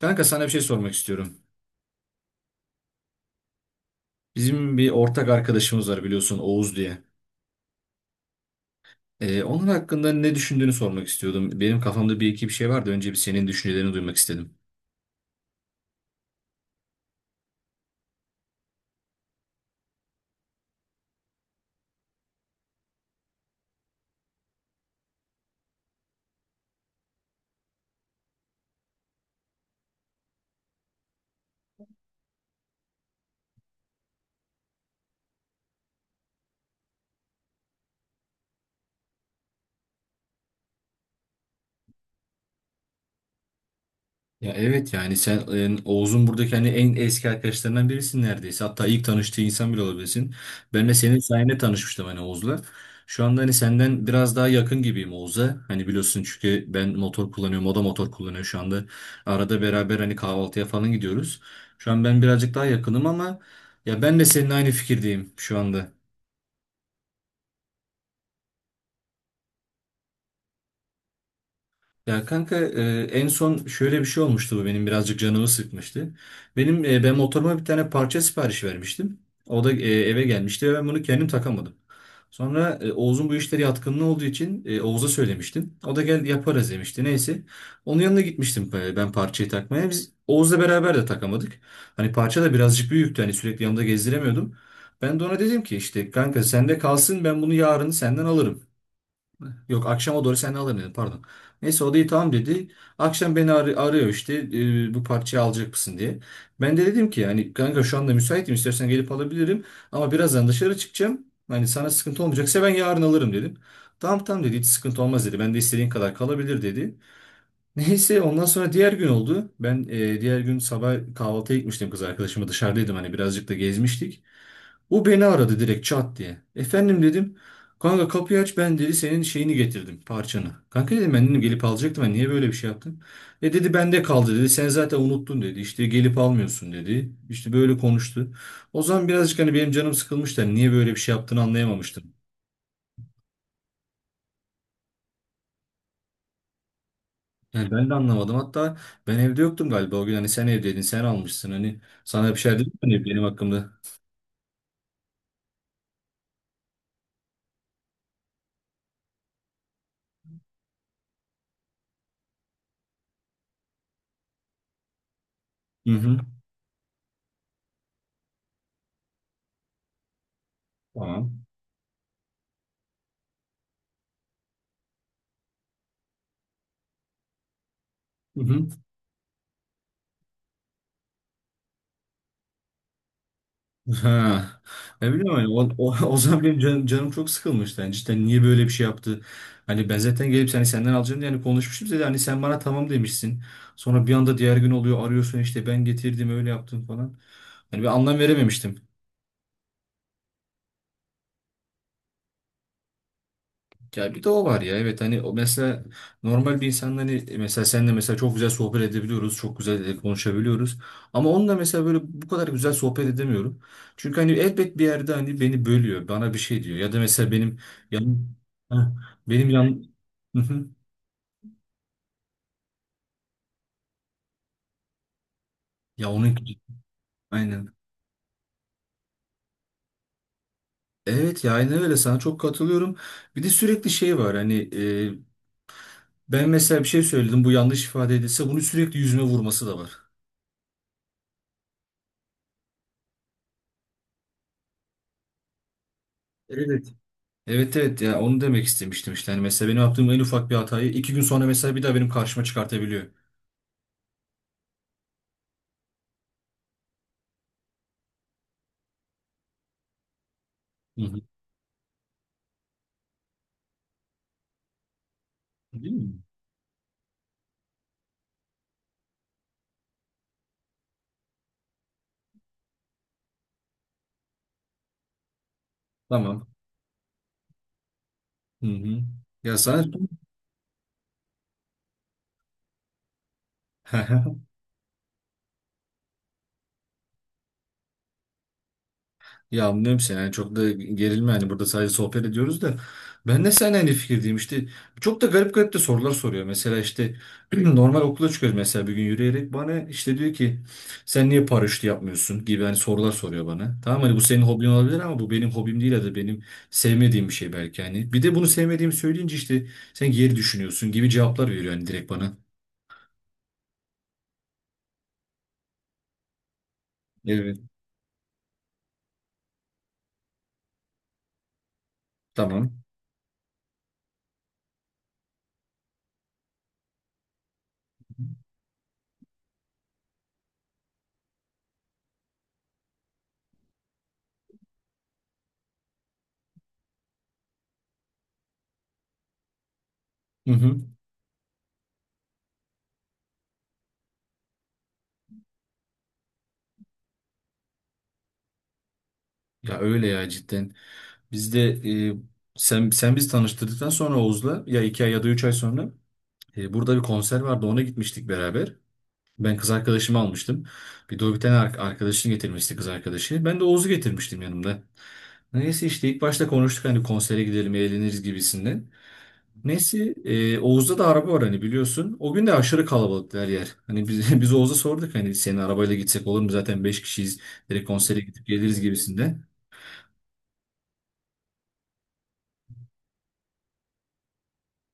Kanka sana bir şey sormak istiyorum. Bizim bir ortak arkadaşımız var, biliyorsun, Oğuz diye. Onun hakkında ne düşündüğünü sormak istiyordum. Benim kafamda bir iki bir şey vardı. Önce bir senin düşüncelerini duymak istedim. Ya evet, yani sen Oğuz'un buradaki hani en eski arkadaşlarından birisin neredeyse. Hatta ilk tanıştığı insan bile olabilirsin. Ben de senin sayende tanışmıştım hani Oğuz'la. Şu anda hani senden biraz daha yakın gibiyim Oğuz'a. Hani biliyorsun, çünkü ben motor kullanıyorum, o da motor kullanıyor şu anda. Arada beraber hani kahvaltıya falan gidiyoruz. Şu an ben birazcık daha yakınım ama ya ben de senin aynı fikirdeyim şu anda. Ya kanka, en son şöyle bir şey olmuştu, bu benim birazcık canımı sıkmıştı. Ben motoruma bir tane parça sipariş vermiştim. O da eve gelmişti ve ben bunu kendim takamadım. Sonra Oğuz'un bu işlere yatkınlığı olduğu için Oğuz'a söylemiştim. O da gel yaparız demişti. Neyse. Onun yanına gitmiştim ben parçayı takmaya. Biz Oğuz'la beraber de takamadık. Hani parça da birazcık büyüktü. Hani sürekli yanımda gezdiremiyordum. Ben de ona dedim ki işte kanka sende kalsın, ben bunu yarın senden alırım. Yok, akşama doğru sen alırım dedim, pardon. Neyse, o da iyi tamam dedi. Akşam beni arıyor işte bu parçayı alacak mısın diye. Ben de dedim ki hani kanka şu anda müsaitim, istersen gelip alabilirim. Ama birazdan dışarı çıkacağım. Hani sana sıkıntı olmayacaksa ben yarın alırım dedim. Tamam tamam dedi, hiç sıkıntı olmaz dedi. Ben de istediğin kadar kalabilir dedi. Neyse, ondan sonra diğer gün oldu. Diğer gün sabah kahvaltıya gitmiştim, kız arkadaşımla dışarıdaydım, hani birazcık da gezmiştik. O beni aradı direkt çat diye. Efendim dedim. Kanka kapıyı aç ben dedi, senin şeyini getirdim, parçanı. Kanka dedim, ben dedim gelip alacaktım, ben niye böyle bir şey yaptın? E dedi, bende kaldı dedi, sen zaten unuttun dedi, işte gelip almıyorsun dedi. İşte böyle konuştu. O zaman birazcık hani benim canım sıkılmıştı, hani niye böyle bir şey yaptığını anlayamamıştım. Yani ben de anlamadım, hatta ben evde yoktum galiba o gün, hani sen evdeydin, sen almışsın, hani sana bir şey dedim mi hani benim hakkımda. Hı hı. Tamam. Hı hı. Ha. Ne bileyim hani o zaman benim canım çok sıkılmıştı. Yani cidden niye böyle bir şey yaptı? Hani ben zaten gelip seni senden alacağım diye hani konuşmuştum dedi. Hani sen bana tamam demişsin. Sonra bir anda diğer gün oluyor, arıyorsun işte ben getirdim öyle yaptım falan. Hani ben anlam verememiştim. Ya bir de o var ya, evet, hani o mesela normal bir insanla hani mesela senle mesela çok güzel sohbet edebiliyoruz, çok güzel konuşabiliyoruz ama onunla mesela böyle bu kadar güzel sohbet edemiyorum çünkü hani elbet bir yerde hani beni bölüyor, bana bir şey diyor, ya da mesela yan Heh, benim yan, Hı hı. ya onun aynen evet ya aynen öyle, sana çok katılıyorum. Bir de sürekli şey var hani ben mesela bir şey söyledim, bu yanlış ifade edilse, bunu sürekli yüzüme vurması da var. Evet. Evet evet, ya onu demek istemiştim işte. Hani mesela benim yaptığım en ufak bir hatayı 2 gün sonra mesela bir daha benim karşıma çıkartabiliyor. Hı hı. Değil mi? Tamam. Hı hı. Ya sana ya anlıyorum seni, yani çok da gerilme, yani burada sadece sohbet ediyoruz da ben de seninle aynı fikirdeyim. İşte çok da garip garip de sorular soruyor mesela, işte normal okula çıkıyoruz mesela bir gün, yürüyerek bana işte diyor ki sen niye paraşütü yapmıyorsun gibi hani sorular soruyor bana. Tamam, hani bu senin hobin olabilir ama bu benim hobim değil, ya da benim sevmediğim bir şey belki. Hani bir de bunu sevmediğimi söyleyince, işte sen geri düşünüyorsun gibi cevaplar veriyor yani direkt bana. Evet. Tamam. Hı hı. Ya öyle, ya cidden. Biz de e, sen biz tanıştırdıktan sonra Oğuz'la ya 2 ay ya da 3 ay sonra burada bir konser vardı, ona gitmiştik beraber. Ben kız arkadaşımı almıştım. Bir de o bir tane arkadaşını getirmişti, kız arkadaşı. Ben de Oğuz'u getirmiştim yanımda. Neyse işte ilk başta konuştuk hani konsere gidelim eğleniriz gibisinden. Neyse Oğuz'da da araba var hani, biliyorsun. O gün de aşırı kalabalıktı her yer. Hani biz, biz Oğuz'a sorduk hani senin arabayla gitsek olur mu, zaten 5 kişiyiz. Direkt konsere gidip geliriz gibisinden.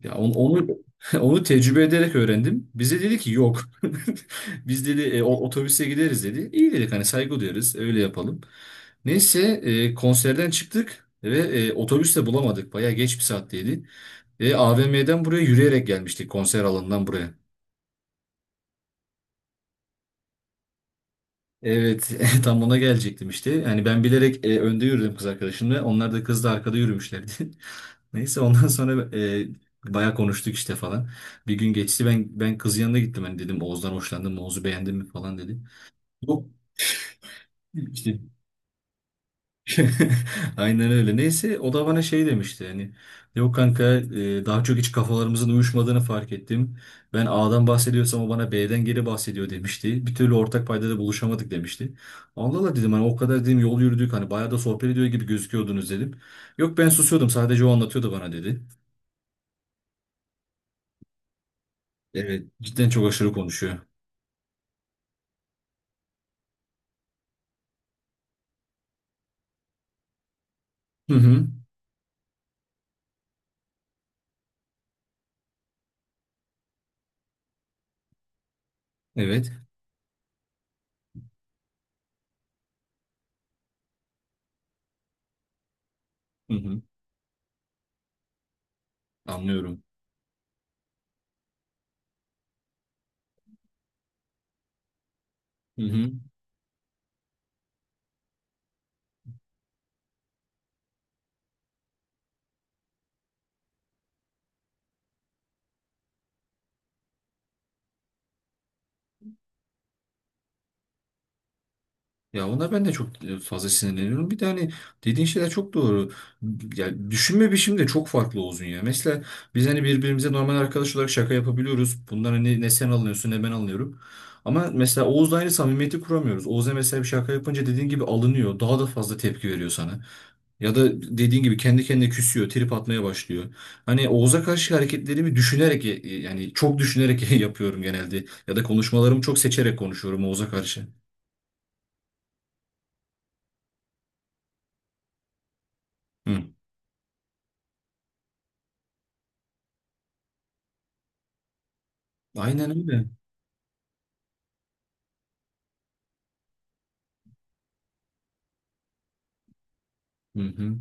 Ya onu onu tecrübe ederek öğrendim. Bize dedi ki yok. Biz dedi otobüse gideriz dedi. İyi dedik, hani saygı duyarız, öyle yapalım. Neyse konserden çıktık ve otobüs de bulamadık. Bayağı geç bir saatteydi. Ve AVM'den buraya yürüyerek gelmiştik, konser alanından buraya. Evet tam ona gelecektim işte. Yani ben bilerek önde yürüdüm kız arkadaşımla. Onlar da kızla arkada yürümüşlerdi. Neyse ondan sonra bayağı konuştuk işte falan. Bir gün geçti, ben kızın yanına gittim. Hani dedim Oğuz'dan hoşlandın mı? Oğuz'u beğendin mi falan dedi. Yok işte aynen öyle. Neyse o da bana şey demişti, hani yok kanka, daha çok hiç kafalarımızın uyuşmadığını fark ettim. Ben A'dan bahsediyorsam o bana B'den geri bahsediyor demişti. Bir türlü ortak paydada buluşamadık demişti. Allah Allah dedim, hani o kadar dedim yol yürüdük, hani bayağı da sohbet ediyor gibi gözüküyordunuz dedim. Yok, ben susuyordum, sadece o anlatıyordu bana dedi. Evet, cidden çok aşırı konuşuyor. Hı hı. Evet. Hı hı. Anlıyorum. Ya ona ben de çok fazla sinirleniyorum. Bir de hani dediğin şeyler çok doğru. Ya düşünme biçimi de çok farklı Oğuz'un ya. Mesela biz hani birbirimize normal arkadaş olarak şaka yapabiliyoruz. Bundan hani ne sen alınıyorsun ne ben alınıyorum. Ama mesela Oğuz'la aynı samimiyeti kuramıyoruz. Oğuz'a mesela bir şaka yapınca dediğin gibi alınıyor. Daha da fazla tepki veriyor sana. Ya da dediğin gibi kendi kendine küsüyor, trip atmaya başlıyor. Hani Oğuz'a karşı hareketlerimi düşünerek yani çok düşünerek yapıyorum genelde. Ya da konuşmalarımı çok seçerek konuşuyorum Oğuz'a karşı. Hı. Aynen öyle. Hı hı.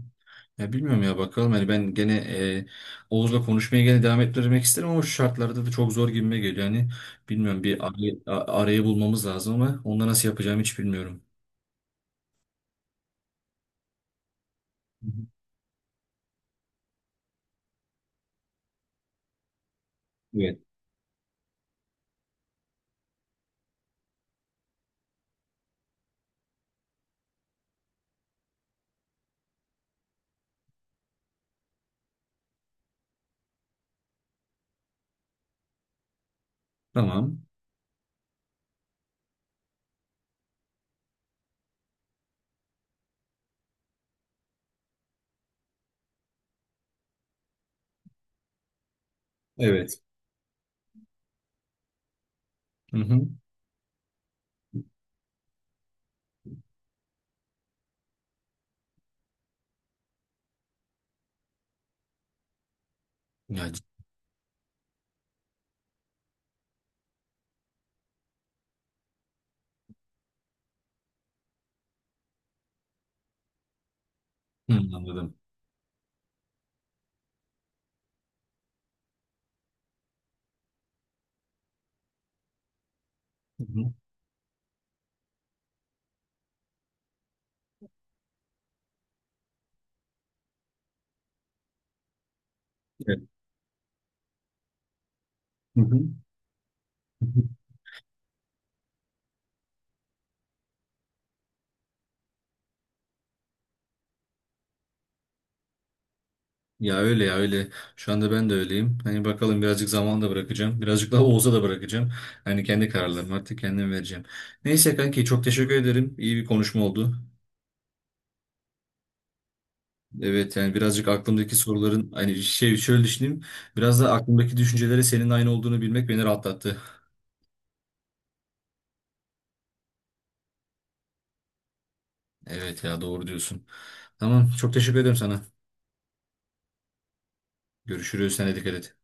Ya bilmiyorum ya, bakalım, hani ben gene Oğuz'la konuşmaya gene devam ettirmek isterim ama şu şartlarda da çok zor gibime geliyor. Yani bilmiyorum, arayı bulmamız lazım ama onda nasıl yapacağımı hiç bilmiyorum. Hı hı. Evet. Tamam. Evet. Hı hı. Ya, c- hı, anladım. Hı hı. Evet. Hı hı. Hı hı. Ya öyle, ya öyle. Şu anda ben de öyleyim. Hani bakalım, birazcık zaman da bırakacağım. Birazcık daha Oğuz'a da bırakacağım. Hani kendi kararlarımı artık kendim vereceğim. Neyse kanki, çok teşekkür ederim. İyi bir konuşma oldu. Evet, yani birazcık aklımdaki soruların hani şey, şöyle düşüneyim. Biraz da aklımdaki düşüncelere senin aynı olduğunu bilmek beni rahatlattı. Evet, ya doğru diyorsun. Tamam, çok teşekkür ederim sana. Görüşürüz. Sen de dikkat et.